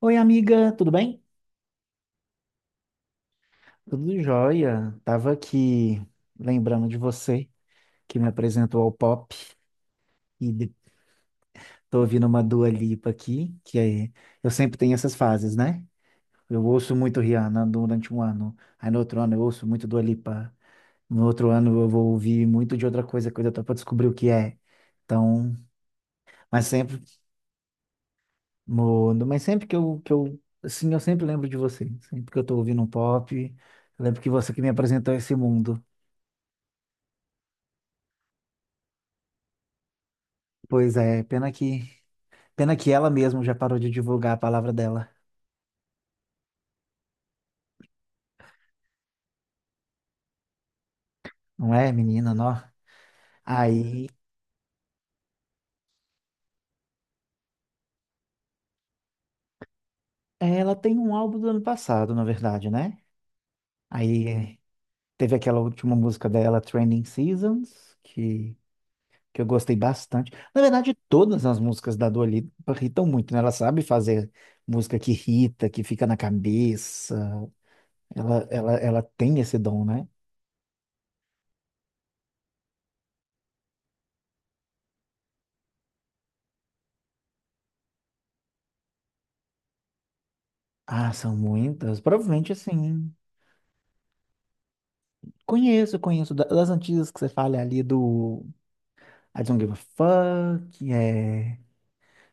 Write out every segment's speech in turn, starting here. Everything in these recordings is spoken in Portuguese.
Oi, amiga, tudo bem? Tudo jóia. Tava aqui lembrando de você que me apresentou ao pop e de- tô ouvindo uma Dua Lipa aqui, que é, eu sempre tenho essas fases, né? Eu ouço muito Rihanna durante um ano, aí no outro ano eu ouço muito Dua Lipa, no outro ano eu vou ouvir muito de outra coisa, coisa até para descobrir o que é. Então, mas sempre, no, mas sempre que eu, assim, eu sempre lembro de você. Sempre que eu tô ouvindo um pop, eu lembro que você que me apresentou esse mundo. Pois é, pena que ela mesma já parou de divulgar a palavra dela, não é, menina, não? Aí, ela tem um álbum do ano passado, na verdade, né? Aí é, teve aquela última música dela, Trending Seasons, que eu gostei bastante. Na verdade, todas as músicas da Dua Lipa irritam muito, né? Ela sabe fazer música que irrita, que fica na cabeça. Ela tem esse dom, né? Ah, são muitas. Provavelmente, assim, conheço das antigas que você fala ali do I don't give a fuck.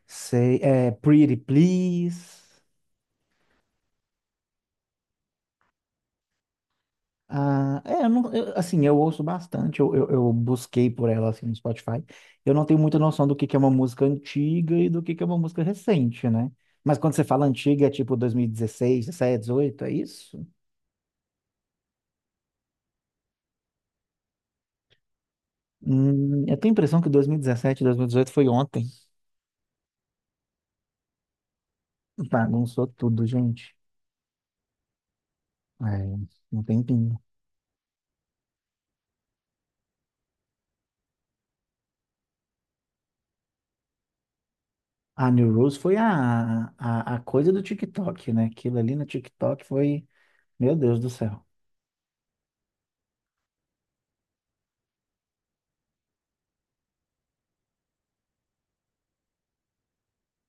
Say, pretty please. Ah, é, eu não- eu, assim, eu ouço bastante, eu busquei por ela assim, no Spotify. Eu não tenho muita noção do que é uma música antiga e do que é uma música recente, né? Mas quando você fala antiga, é tipo 2016, 17, 18, é isso? Eu tenho a impressão que 2017, 2018 foi ontem. Bagunçou tudo, gente. É, um tempinho. A New Rules foi a coisa do TikTok, né? Aquilo ali no TikTok foi, meu Deus do céu.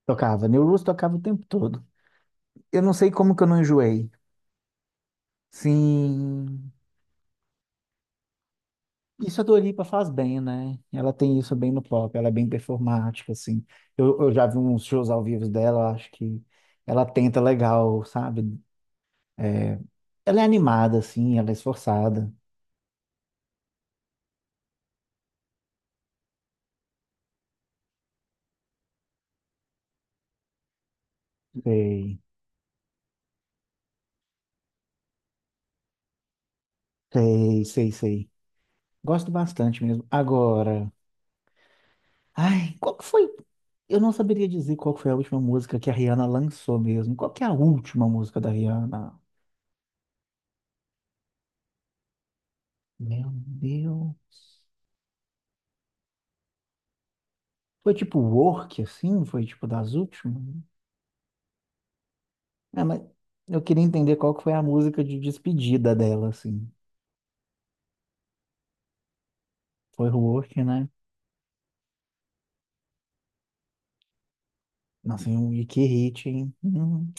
Tocava, New Rules tocava o tempo todo. Eu não sei como que eu não enjoei. Sim, isso a Dua faz bem, né? Ela tem isso bem no pop, ela é bem performática, assim. Eu já vi uns shows ao vivo dela, eu acho que ela tenta legal, sabe? É, ela é animada, assim, ela é esforçada. Sei, sei, sei, sei. Gosto bastante mesmo. Agora. Ai, qual que foi? Eu não saberia dizer qual foi a última música que a Rihanna lançou mesmo. Qual que é a última música da Rihanna? Meu Deus. Foi tipo Work, assim? Foi tipo das últimas? É, mas eu queria entender qual que foi a música de despedida dela, assim. Foi Work, né? Nossa, e que hit, hein?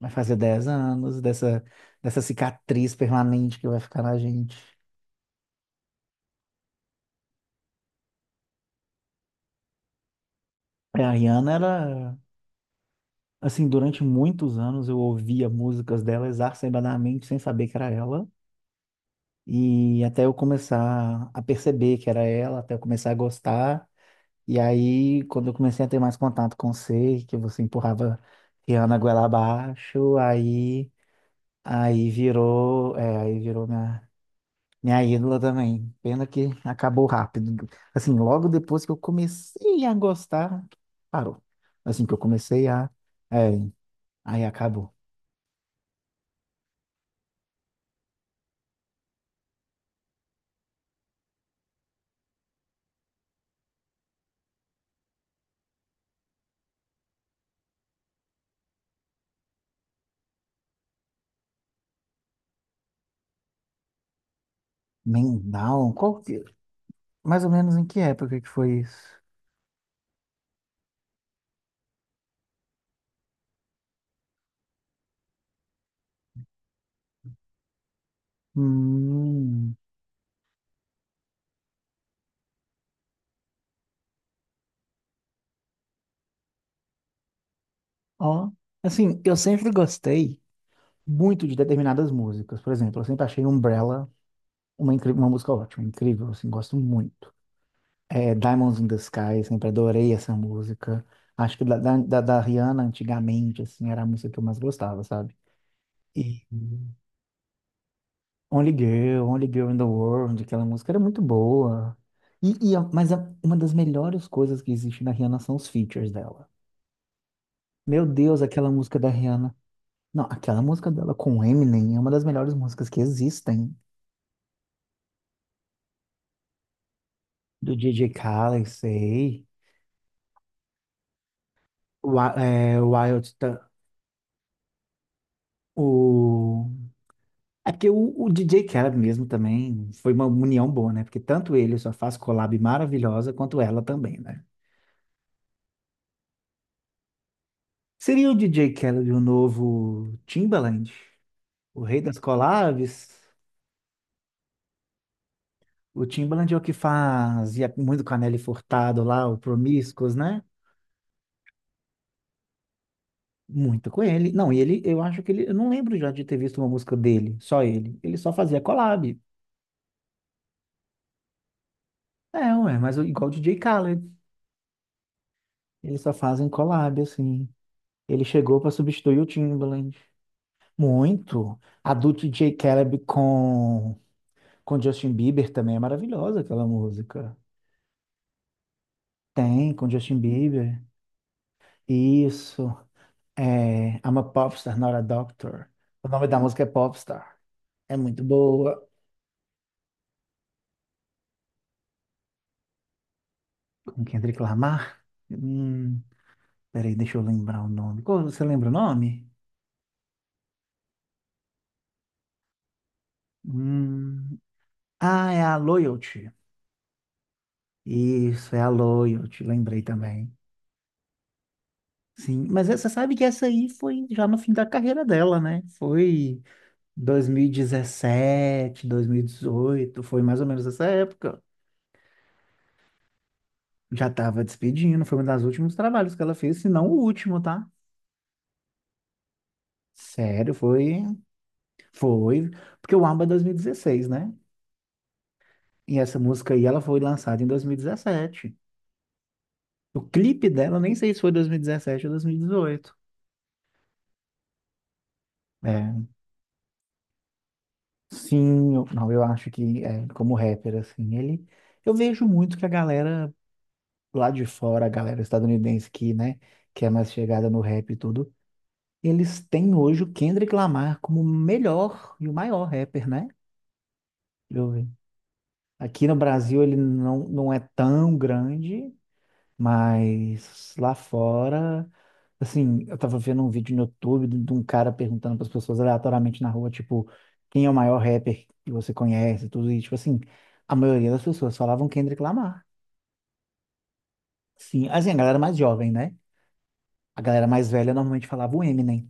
Vai fazer 10 anos dessa cicatriz permanente que vai ficar na gente. É, a Rihanna era assim, durante muitos anos eu ouvia músicas dela exacerbadamente, sem saber que era ela. E até eu começar a perceber que era ela, até eu começar a gostar. E aí, quando eu comecei a ter mais contato com você, que você empurrava Rihanna goela abaixo, aí virou minha ídola também. Pena que acabou rápido. Assim, logo depois que eu comecei a gostar, parou. Assim que eu comecei a, é, aí acabou. Mendal? Qual que, mais ou menos em que época que foi isso? Hum, Ó, assim, eu sempre gostei muito de determinadas músicas. Por exemplo, eu sempre achei Umbrella uma música ótima, incrível, assim, gosto muito. É, Diamonds in the Sky, sempre adorei essa música. Acho que da Rihanna, antigamente, assim, era a música que eu mais gostava, sabe? E Only Girl, Only Girl in the World, aquela música era muito boa. E, uma das melhores coisas que existe na Rihanna são os features dela. Meu Deus, aquela música da Rihanna. Não, aquela música dela com o Eminem é uma das melhores músicas que existem. Do DJ Khaled, sei. Wild, o... É porque o DJ Khaled mesmo também foi uma união boa, né? Porque tanto ele só faz collab maravilhosa, quanto ela também, né? Seria o DJ Khaled o novo Timbaland? O Rei das Colaves, o Timbaland é o que fazia muito com a Nelly Furtado lá, o Promiscuous, né? Muito com ele. Não, e ele, eu acho que ele, eu não lembro já de ter visto uma música dele, só ele. Ele só fazia collab. É, ué, mas igual o DJ Khaled, eles só fazem collab, assim. Ele chegou para substituir o Timbaland. Muito. A do DJ Khaled com Justin Bieber também é maravilhosa aquela música. Tem, com Justin Bieber. Isso. É, I'm a Popstar, Not a Doctor. O nome da música é Popstar. É muito boa. Com Kendrick Lamar? Hum, Peraí, deixa eu lembrar o nome. Você lembra o nome? Hum, ah, é a Loyalty. Isso, é a Loyalty, lembrei também. Sim, mas você sabe que essa aí foi já no fim da carreira dela, né? Foi 2017, 2018, foi mais ou menos essa época. Já estava despedindo, foi um dos últimos trabalhos que ela fez, se não o último, tá? Sério, foi, porque o ABBA é 2016, né? E essa música aí, ela foi lançada em 2017. O clipe dela, eu nem sei se foi 2017 ou 2018. É, sim, não, eu acho que é, como rapper, assim, eu vejo muito que a galera lá de fora, a galera estadunidense que, né, que é mais chegada no rap e tudo, eles têm hoje o Kendrick Lamar como o melhor e o maior rapper, né? Eu- Aqui no Brasil ele não, não é tão grande, mas lá fora, assim, eu tava vendo um vídeo no YouTube de um cara perguntando para as pessoas aleatoriamente na rua, tipo, quem é o maior rapper que você conhece, tudo isso, tipo assim, a maioria das pessoas falavam Kendrick Lamar. Sim, assim, a galera mais jovem, né? A galera mais velha normalmente falava o Eminem.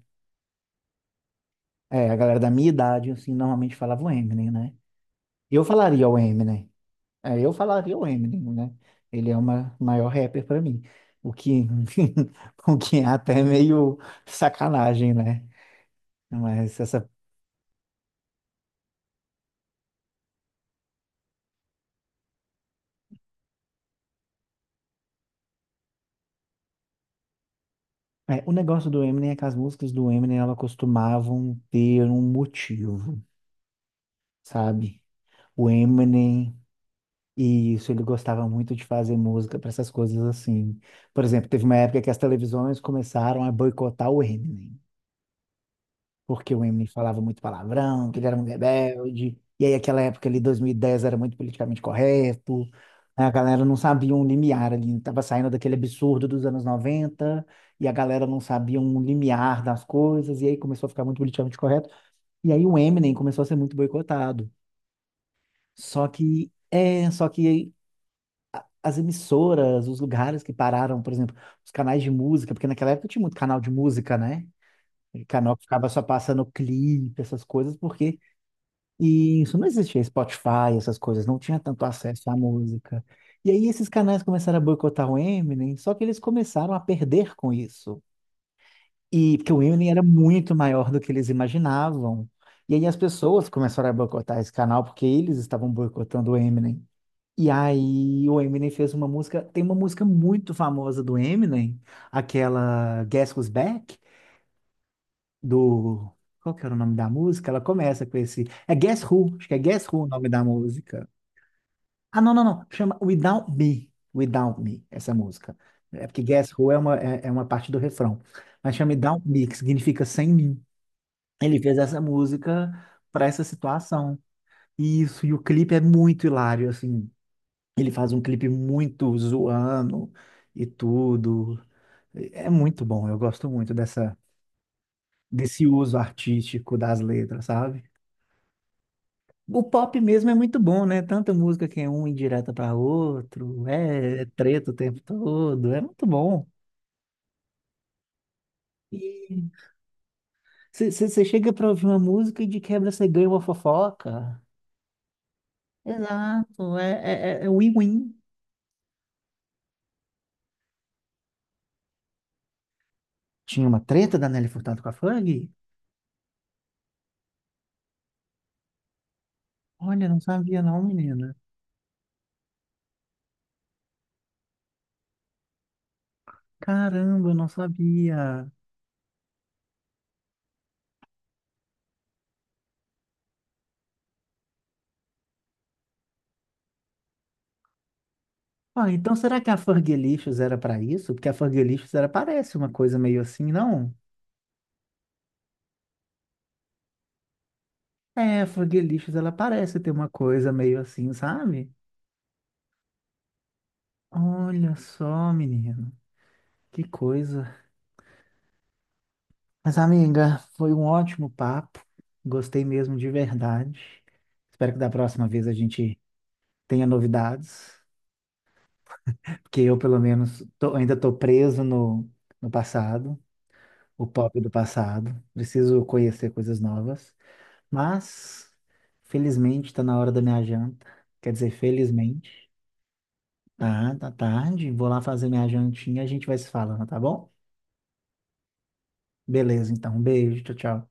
É, a galera da minha idade, assim, normalmente falava o Eminem, né? Eu falaria o Eminem. É, eu falaria o Eminem, né? Ele é o maior rapper pra mim. O que, o que é até meio sacanagem, né? Mas o negócio do Eminem é que as músicas do Eminem elas costumavam ter um motivo, sabe? O Eminem, e isso, ele gostava muito de fazer música para essas coisas assim. Por exemplo, teve uma época que as televisões começaram a boicotar o Eminem, porque o Eminem falava muito palavrão, que ele era um rebelde. E aí, aquela época ali, 2010 era muito politicamente correto. Né? A galera não sabia um limiar ali, estava saindo daquele absurdo dos anos 90 e a galera não sabia um limiar das coisas, e aí começou a ficar muito politicamente correto. E aí o Eminem começou a ser muito boicotado. Só que, é, só que as emissoras, os lugares que pararam, por exemplo, os canais de música, porque naquela época tinha muito canal de música, né? E canal que ficava só passando clipe, essas coisas, porque e isso não existia Spotify, essas coisas, não tinha tanto acesso à música. E aí esses canais começaram a boicotar o Eminem, só que eles começaram a perder com isso. E porque o Eminem era muito maior do que eles imaginavam. E aí as pessoas começaram a boicotar esse canal porque eles estavam boicotando o Eminem. E aí o Eminem fez uma música, tem uma música muito famosa do Eminem, aquela Guess Who's Back, do... Qual que era o nome da música? Ela começa com esse... É Guess Who, acho que é Guess Who o nome da música. Ah, não, não, não. Chama Without Me. Without Me, essa música. É porque Guess Who é uma parte do refrão. Mas chama Without Me, que significa sem mim. Ele fez essa música para essa situação. E isso, e o clipe é muito hilário, assim. Ele faz um clipe muito zoando e tudo. É muito bom, eu gosto muito dessa, desse uso artístico das letras, sabe? O pop mesmo é muito bom, né? Tanta música que é um indireta para outro, é, é treta o tempo todo, é muito bom. E você chega para ouvir uma música e de quebra você ganha uma fofoca. Exato, é win-win. Tinha uma treta da Nelly Furtado com a Fergie? Olha, não sabia não, menina. Caramba, eu não sabia. Ah, então será que a Fergalicious era para isso? Porque a Fergalicious era parece uma coisa meio assim, não? É, a Fergalicious ela parece ter uma coisa meio assim, sabe? Olha só, menino, que coisa. Mas, amiga, foi um ótimo papo. Gostei mesmo de verdade. Espero que da próxima vez a gente tenha novidades, porque eu, pelo menos, ainda estou preso no passado, o pop do passado. Preciso conhecer coisas novas. Mas, felizmente, está na hora da minha janta. Quer dizer, felizmente. Tá, tá tarde. Vou lá fazer minha jantinha e a gente vai se falando, tá bom? Beleza, então. Um beijo, tchau, tchau.